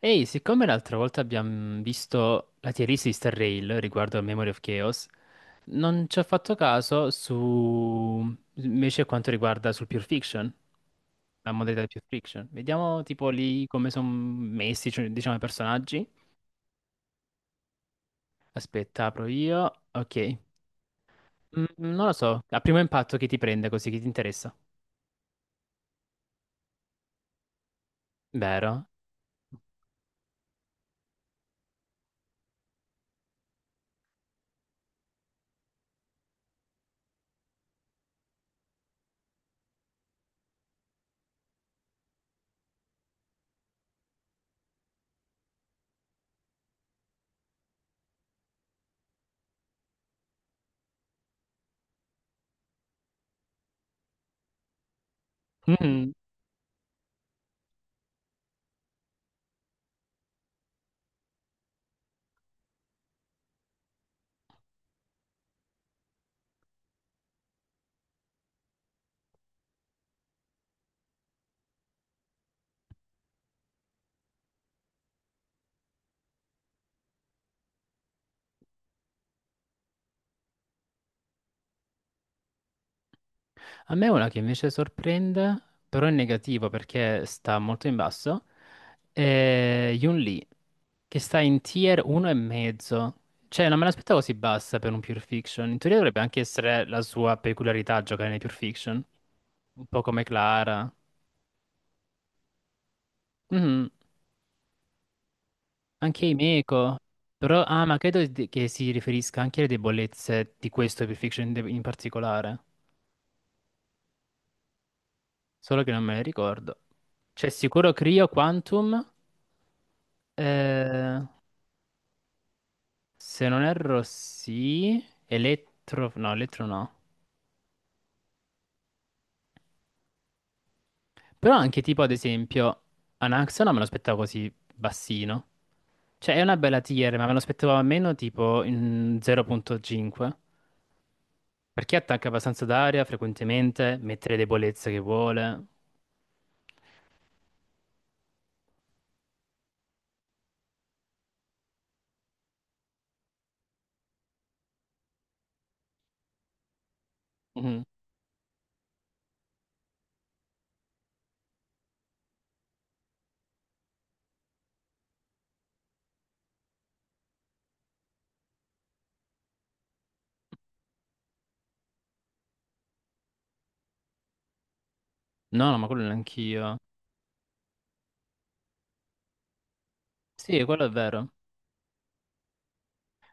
Ehi, siccome l'altra volta abbiamo visto la tier list di Star Rail riguardo a Memory of Chaos, non ci ho fatto caso su invece quanto riguarda sul Pure Fiction, la modalità di Pure Fiction. Vediamo tipo lì come sono messi, cioè, diciamo, i personaggi. Aspetta, apro io. Ok. Non lo so, a primo impatto chi ti prende così, chi ti interessa. Vero? Mhm. A me una che invece sorprende, però è negativa perché sta molto in basso, è Yun Lee, che sta in tier 1 e mezzo. Cioè, non me l'aspettavo così bassa per un pure fiction. In teoria dovrebbe anche essere la sua peculiarità giocare nei pure fiction. Un po' come Clara. Mhm. Anche Imeko. Però, ah, ma che si riferisca anche alle debolezze di questo pure fiction in particolare. Solo che non me le ricordo. C'è sicuro Cryo Quantum? Eh, se non erro, sì. Elettro, no, elettro no. Però anche tipo, ad esempio, Anaxona me lo aspettavo così bassino. Cioè, è una bella tier, ma me lo aspettavo almeno tipo in 0,5. Perché attacca abbastanza d'aria frequentemente, mette le debolezze che vuole. Mhm. No, no, ma quello neanch'io. Sì, quello è vero.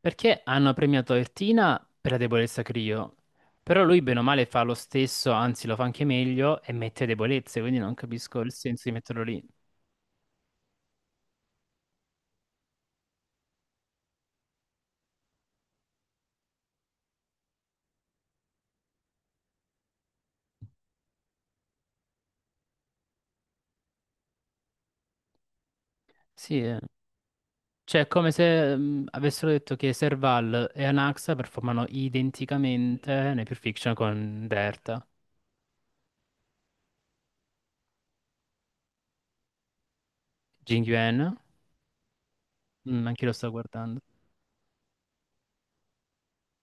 Perché hanno premiato Ertina per la debolezza Crio, però lui bene o male fa lo stesso, anzi lo fa anche meglio e mette debolezze, quindi non capisco il senso di metterlo lì. Sì, eh. Cioè è come se avessero detto che Serval e Anaxa performano identicamente nei Pulp Fiction con Derta. Jing Yuan, anche io lo sto guardando.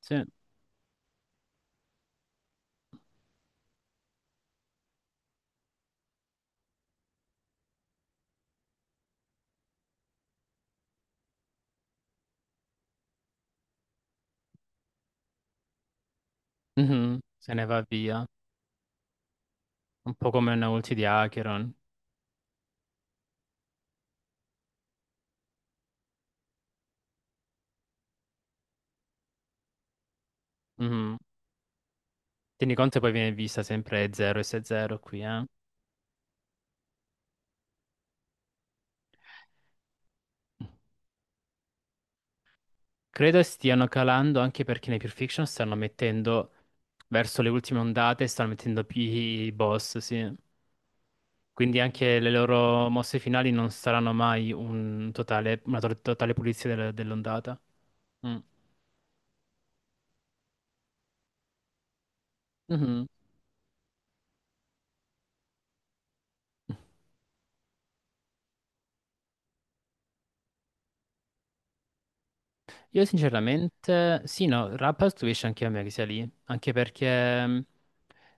Sì. Mhm. Se ne va via, un po' come una ulti di Acheron. Mhm. Tieni conto che poi viene vista sempre 0 e 6-0 qui, eh. Credo stiano calando anche perché nei Pulp Fiction stanno mettendo, verso le ultime ondate, stanno mettendo più i boss, sì. Quindi anche le loro mosse finali non saranno mai un totale pulizia dell'ondata. Mm. Mhm. Io sinceramente, sì, no, Rapper stupisce anche a me che sia lì, anche perché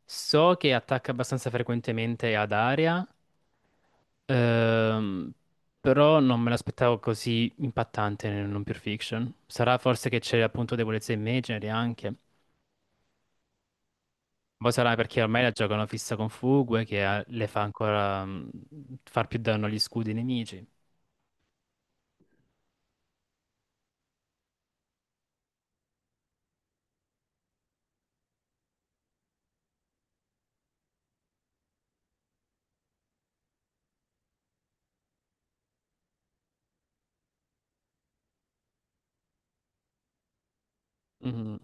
so che attacca abbastanza frequentemente ad area, Ehm, però non me l'aspettavo così impattante nel non pure fiction. Sarà forse che c'è appunto debolezza immaginary anche. Poi sarà perché ormai la giocano fissa con Fugue che le fa ancora far più danno agli scudi nemici. Mhm,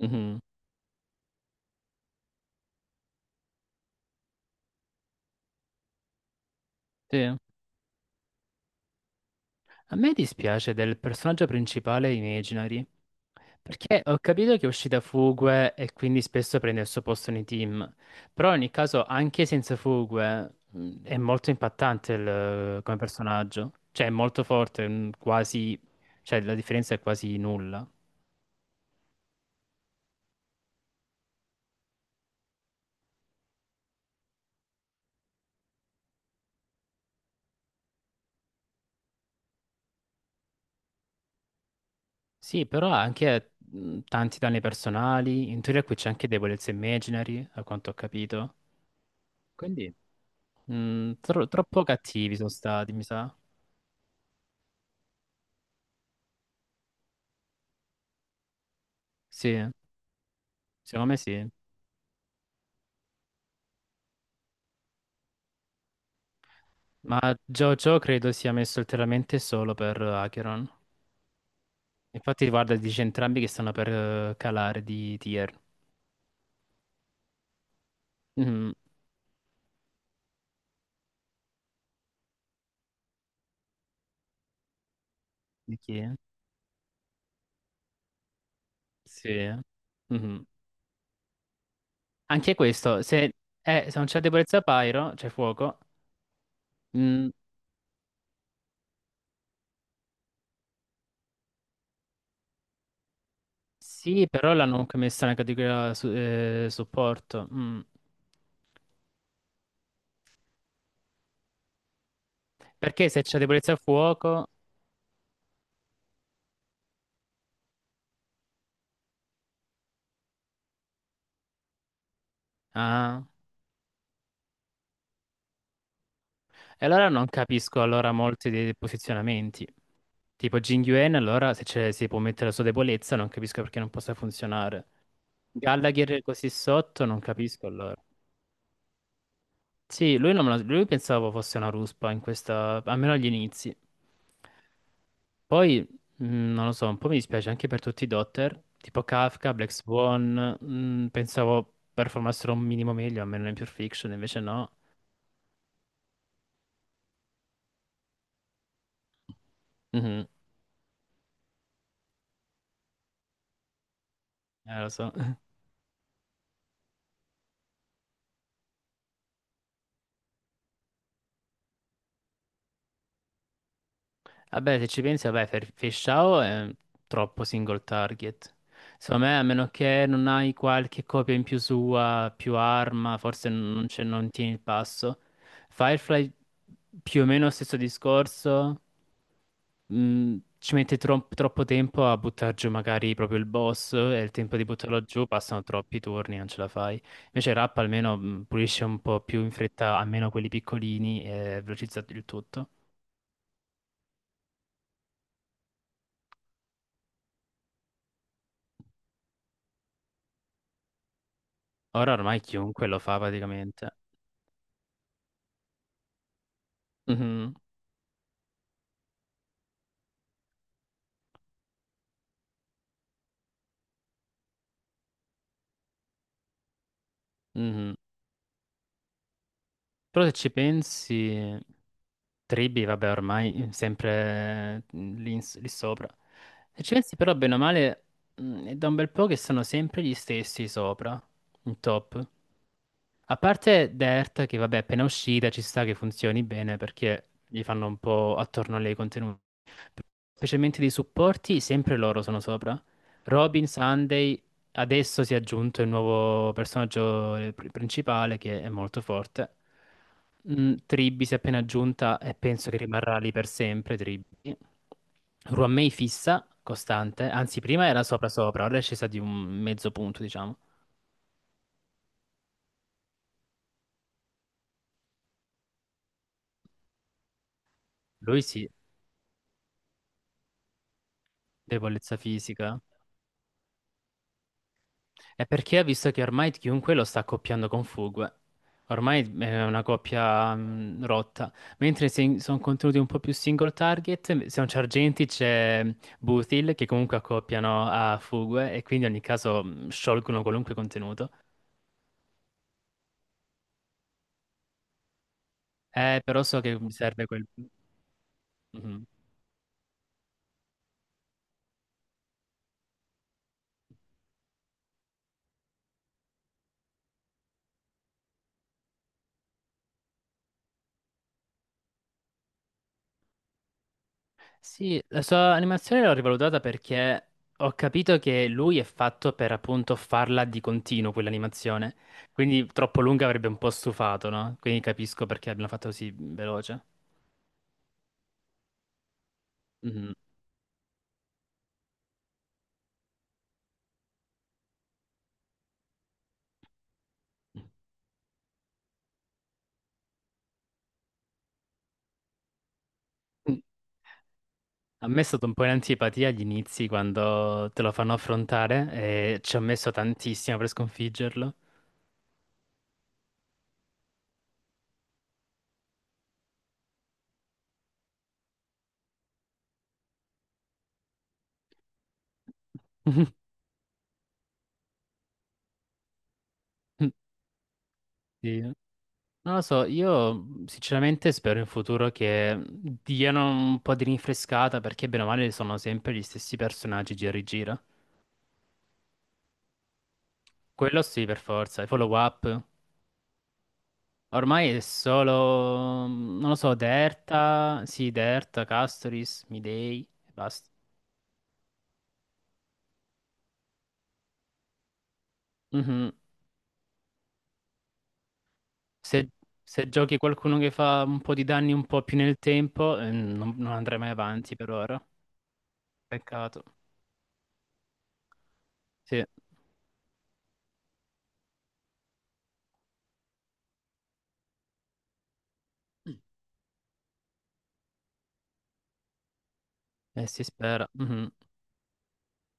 mhm, sì. A me dispiace del personaggio principale Imaginary. Perché ho capito che è uscita Fugue e quindi spesso prende il suo posto nei team, però in ogni caso anche senza Fugue è molto impattante come personaggio, cioè è molto forte, quasi, cioè la differenza è quasi nulla. Sì, però ha anche tanti danni personali, in teoria qui c'è anche debolezza imaginary, a quanto ho capito, quindi troppo cattivi sono stati, mi sa. Sì, secondo me sì. Ma JoJo credo sia messo ulteriormente solo per Acheron. Infatti, guarda, dice entrambi che stanno per calare di tier. Mhm. Di chi? Sì. Mhm. Anche questo, se non c'è debolezza Pyro, c'è fuoco. Mm, sì, però l'hanno comunque messa nella categoria supporto. Mm. Perché se c'è debolezza fuoco... Ah. E allora non capisco allora molti dei posizionamenti. Tipo Jin Yuen, allora se si può mettere la sua debolezza, non capisco perché non possa funzionare. Gallagher così sotto, non capisco allora. Sì, lui, non me lo- lui pensavo fosse una ruspa in questa, almeno agli inizi. Poi, non lo so, un po' mi dispiace anche per tutti i Dotter, tipo Kafka, Black Swan, pensavo performassero un minimo meglio, almeno in Pure Fiction, invece no. Mhm, lo so. Vabbè, se ci pensi, vabbè, Fishao è troppo single target. Secondo me, a meno che non hai qualche copia in più sua, più arma, forse non tieni il passo. Firefly, più o meno stesso discorso, troppo tempo a buttare giù magari proprio il boss e il tempo di buttarlo giù passano troppi turni, non ce la fai. Invece Rap almeno pulisce un po' più in fretta, almeno quelli piccolini e velocizza il tutto. Ora ormai chiunque lo fa praticamente. Mhm, mhm. Però se ci pensi, Tribi, vabbè, ormai sempre lì sopra. Se ci pensi però, bene o male, è da un bel po' che sono sempre gli stessi sopra, in top. A parte Dirt, che vabbè, appena uscita ci sta che funzioni bene perché gli fanno un po' attorno a lei i contenuti. Specialmente dei supporti, sempre loro sono sopra. Robin Sunday adesso si è aggiunto il nuovo personaggio principale che è molto forte. Mm, Tribby si è appena aggiunta e penso che rimarrà lì per sempre. Tribby. Ruamei fissa, costante, anzi prima era sopra sopra, ora è scesa di un mezzo punto, diciamo. Lui sì, debolezza fisica. È perché ha visto che ormai chiunque lo sta accoppiando con Fugue. Ormai è una coppia rotta. Mentre se sono contenuti un po' più single target, se non c'è Argenti c'è Buthil che comunque accoppiano a Fugue e quindi in ogni caso sciolgono qualunque contenuto. Però so che mi serve quel... Mhm. Sì, la sua animazione l'ho rivalutata perché ho capito che lui è fatto per appunto farla di continuo quell'animazione. Quindi troppo lunga avrebbe un po' stufato, no? Quindi capisco perché abbiano fatto così veloce. Mhm. A me è stato un po' in antipatia agli inizi quando te lo fanno affrontare e ci ho messo tantissimo per sconfiggerlo. Sì. Non lo so, io sinceramente spero in futuro che diano un po' di rinfrescata perché bene o male sono sempre gli stessi personaggi gira e gira. Quello sì, per forza, i follow up. Ormai è solo, non lo so, Derta, sì, Derta, Castoris, Midei e basta. Mhm. Se, se giochi qualcuno che fa un po' di danni un po' più nel tempo, non andrai mai avanti per ora. Peccato. Sì, si spera. Mhm.